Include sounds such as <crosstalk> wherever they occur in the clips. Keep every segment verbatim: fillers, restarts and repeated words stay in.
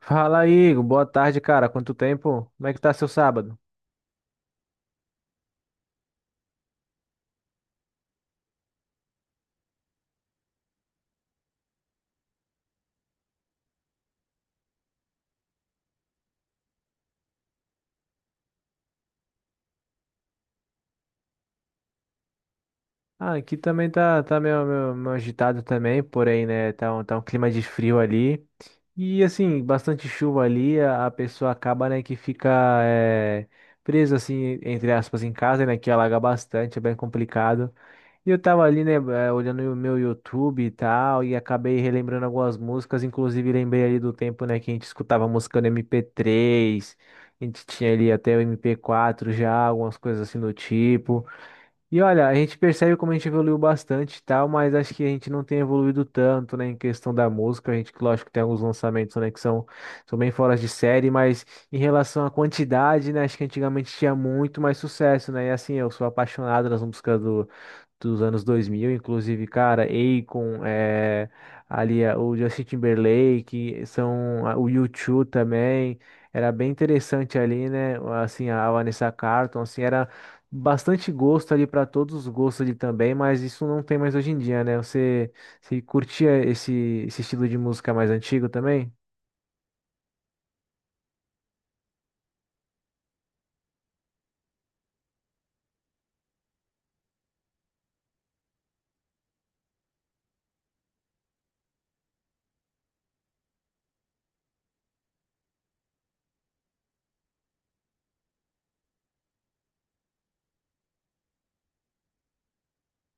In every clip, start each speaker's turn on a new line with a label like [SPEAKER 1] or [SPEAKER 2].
[SPEAKER 1] Fala aí, Igor. Boa tarde, cara. Quanto tempo? Como é que tá seu sábado? Ah, aqui também tá, tá meio, meio, meio agitado também, porém, né, tá um, tá um clima de frio ali. E assim, bastante chuva ali, a, a pessoa acaba, né, que fica é, presa, assim, entre aspas, em casa, né, que alaga bastante, é bem complicado. E eu tava ali, né, eh, olhando o meu YouTube e tal, e acabei relembrando algumas músicas, inclusive lembrei ali do tempo, né, que a gente escutava música no M P três, a gente tinha ali até o M P quatro já, algumas coisas assim do tipo. E olha, a gente percebe como a gente evoluiu bastante e tal, mas acho que a gente não tem evoluído tanto, né, em questão da música. A gente, que lógico, tem alguns lançamentos, né, que são, são bem fora de série, mas em relação à quantidade, né, acho que antigamente tinha muito mais sucesso, né, e assim, eu sou apaixonado nas músicas do dos anos dois mil inclusive, cara, Akon, é, ali é, o Justin Timberlake, são a- o U dois também, era bem interessante ali, né? Assim, a Vanessa Carlton, assim, era bastante gosto ali para todos os gostos ali também, mas isso não tem mais hoje em dia, né? Você, você curtia esse, esse estilo de música mais antigo também?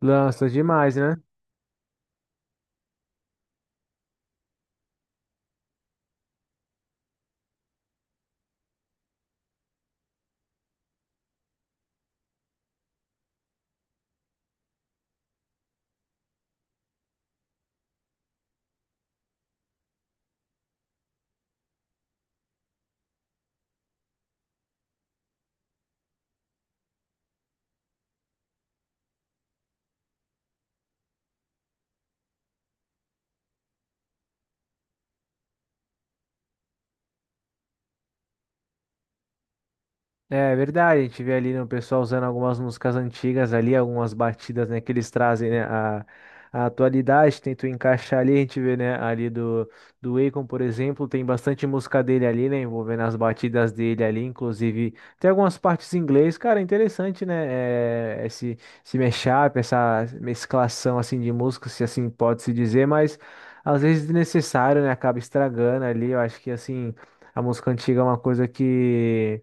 [SPEAKER 1] Lança demais, né? É é verdade, a gente vê ali, né, o pessoal usando algumas músicas antigas ali, algumas batidas, né, que eles trazem, né, a, a atualidade, tentam encaixar ali, a gente vê, né, ali do, do Akon, por exemplo, tem bastante música dele ali, né, envolvendo as batidas dele ali, inclusive tem algumas partes em inglês, cara, é interessante, né, é, esse, esse mashup, essa mesclação, assim, de músicas, se assim pode-se dizer, mas às vezes desnecessário, né, acaba estragando ali, eu acho que, assim, a música antiga é uma coisa que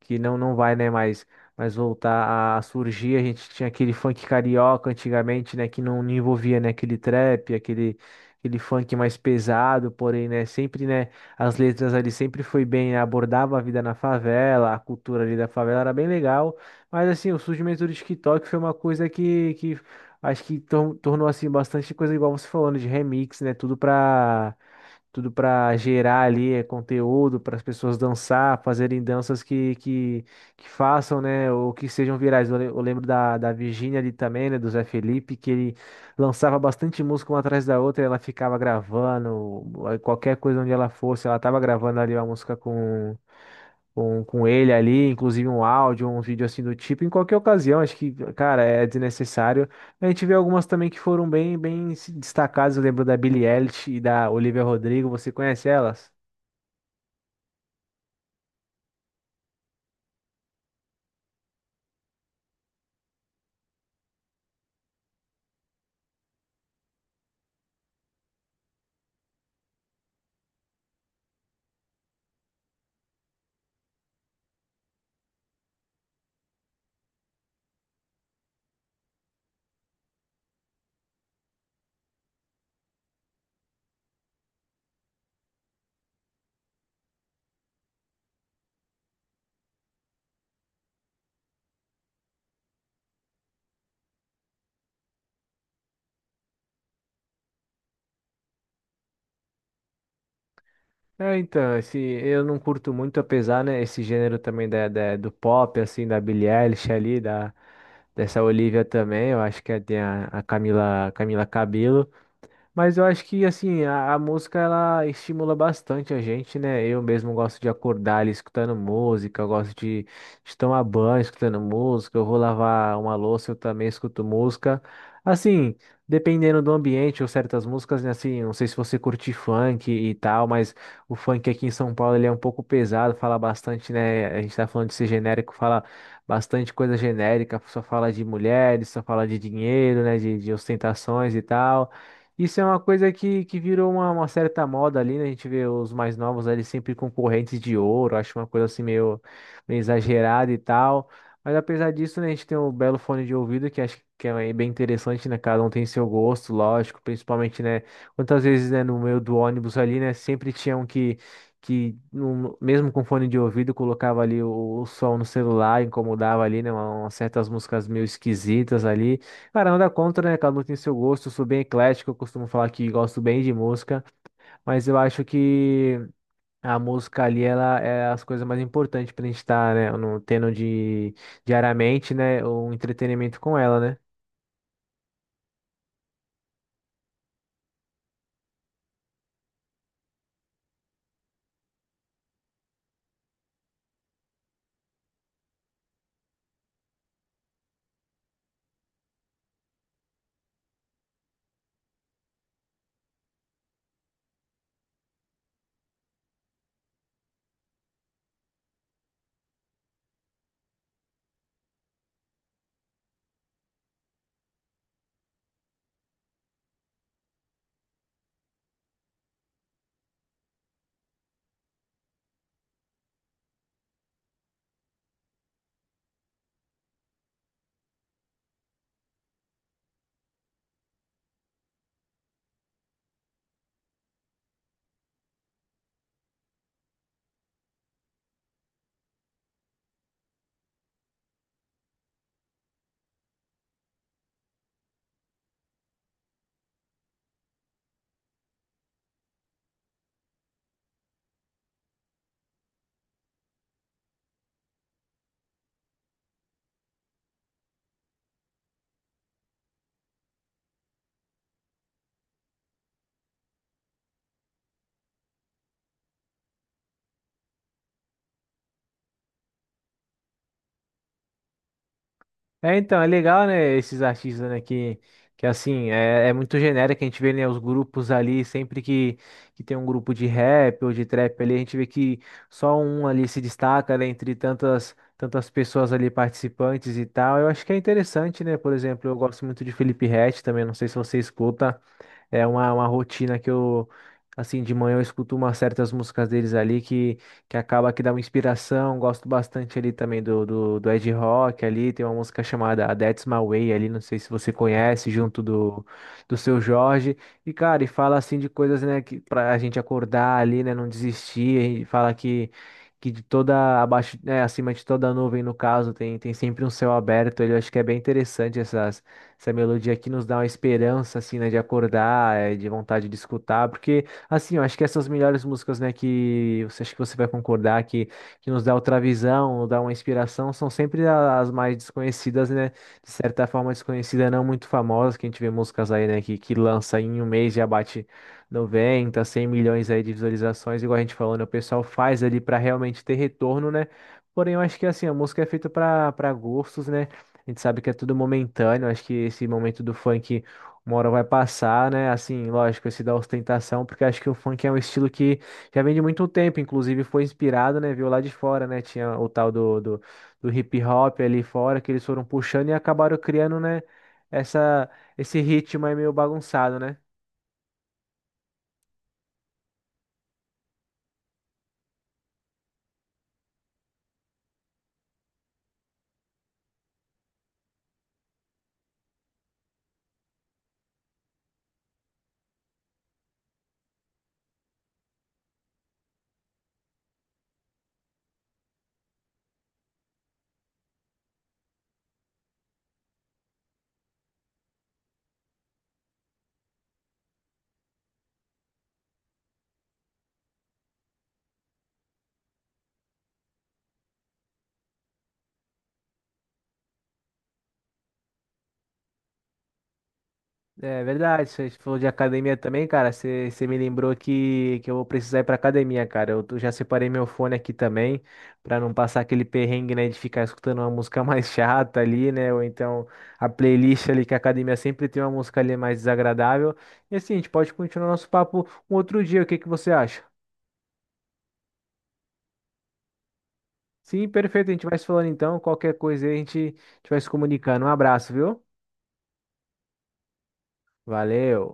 [SPEAKER 1] que não não vai, né, mais mais voltar a a surgir. A gente tinha aquele funk carioca antigamente, né, que não, não envolvia, né, aquele trap, aquele aquele funk mais pesado, porém, né, sempre, né, as letras ali sempre foi bem, né, abordava a vida na favela, a cultura ali da favela era bem legal. Mas assim, o surgimento do TikTok foi uma coisa que que acho que tor- tornou assim bastante coisa igual você falando de remix, né? Tudo pra tudo para gerar ali é, conteúdo para as pessoas dançar, fazerem danças que, que, que façam, né, ou que sejam virais. Eu, le- eu lembro da, da Virgínia ali também, né, do Zé Felipe, que ele lançava bastante música uma atrás da outra, e ela ficava gravando, aí qualquer coisa onde ela fosse, ela tava gravando ali uma música com com, com ele ali, inclusive um áudio, um vídeo assim do tipo, em qualquer ocasião, acho que, cara, é desnecessário. A gente vê algumas também que foram bem, bem se destacadas, eu lembro da Billie Eilish e da Olivia Rodrigo, você conhece elas? É, então, esse, eu não curto muito, apesar, né, esse gênero também da, da- do pop, assim, da Billie Eilish ali, da, dessa Olivia também, eu acho que é- tem a, a Camila, Camila Cabello. Mas eu acho que assim, a, a música ela estimula bastante a gente, né? Eu mesmo gosto de acordar ali escutando música, eu gosto de, de tomar banho escutando música, eu vou lavar uma louça, eu também escuto música. Assim, dependendo do ambiente ou certas músicas, né? Assim, não sei se você curte funk e tal, mas o funk aqui em São Paulo ele é um pouco pesado, fala bastante, né? A gente tá falando de ser genérico, fala bastante coisa genérica, só fala de mulheres, só fala de dinheiro, né? De, de ostentações e tal. Isso é uma coisa que, que virou uma, uma certa moda ali, né? A gente vê os mais novos ali sempre com correntes de ouro, acho uma coisa assim meio, meio exagerada e tal. Mas apesar disso, né, a gente tem um belo fone de ouvido que acho que é bem interessante, né? Cada um tem seu gosto, lógico, principalmente, né? Quantas vezes, né, no meio do ônibus ali, né, sempre tinha um que, que num- mesmo com fone de ouvido, colocava ali o, o som no celular, incomodava ali, né? Uma- umas certas músicas meio esquisitas ali. Cara, nada contra, né? Cada um tem seu gosto. Eu sou bem eclético, eu costumo falar que gosto bem de música, mas eu acho que a música ali, ela é as coisas mais importantes pra gente estar, né? No, tendo de, diariamente, né? Um entretenimento com ela, né? É, então, é legal, né, esses artistas, né, que, que assim, é, é muito genérico, a gente vê, né, os grupos ali, sempre que, que tem um grupo de rap ou de trap ali, a gente vê que só um ali se destaca, né, entre tantas, tantas pessoas ali participantes e tal, eu acho que é interessante, né, por exemplo, eu gosto muito de Felipe Ret também, não sei se você escuta, é uma, uma rotina que eu, assim, de manhã eu escuto umas certas músicas deles ali que, que acaba que dá uma inspiração. Gosto bastante ali também do, do, do Ed Rock ali. Tem uma música chamada A That's My Way ali, não sei se você conhece, junto do, do Seu Jorge. E, cara, e fala assim de coisas, né, que pra gente acordar ali, né, não desistir. E fala que. Que de toda abaixo, né, acima de toda nuvem, no caso, tem, tem sempre um céu aberto. Eu acho que é bem interessante essas, essa melodia que nos dá uma esperança, assim, né, de acordar, eh, de vontade de escutar, porque, assim, eu acho que essas melhores músicas, né, que você acha que você vai concordar, que, que nos dá outra visão, nos dá uma inspiração, são sempre a- as mais desconhecidas, né, de certa forma desconhecida, não muito famosas, que a gente vê músicas aí, né, que, que lança em um mês já bate noventa cem milhões aí de visualizações, igual a gente falou, né, o pessoal faz ali para realmente ter retorno, né, porém, eu acho que assim, a música é feita para para gostos, né? A gente sabe que é tudo momentâneo, acho que esse momento do funk uma hora vai passar, né? Assim, lógico, esse da ostentação, porque acho que o funk é um estilo que já vem de muito tempo, inclusive foi inspirado, né? Viu lá de fora, né? Tinha o tal do, do, do hip hop ali fora, que eles foram puxando e acabaram criando, né? Essa, esse ritmo aí meio bagunçado, né? É verdade, você falou de academia também, cara. Você, você me lembrou que, que eu vou precisar ir pra academia, cara. Eu tô- já separei meu fone aqui também, pra não passar aquele perrengue, né, de ficar escutando uma <laughs> música mais chata ali, né? Ou então a playlist ali, que a academia sempre tem uma música ali mais desagradável. E assim, a gente pode continuar nosso papo um outro dia, o que que você acha? Sim, perfeito, a gente vai se falando então. Qualquer coisa aí a gente, a gente vai se comunicando. Um abraço, viu? Valeu.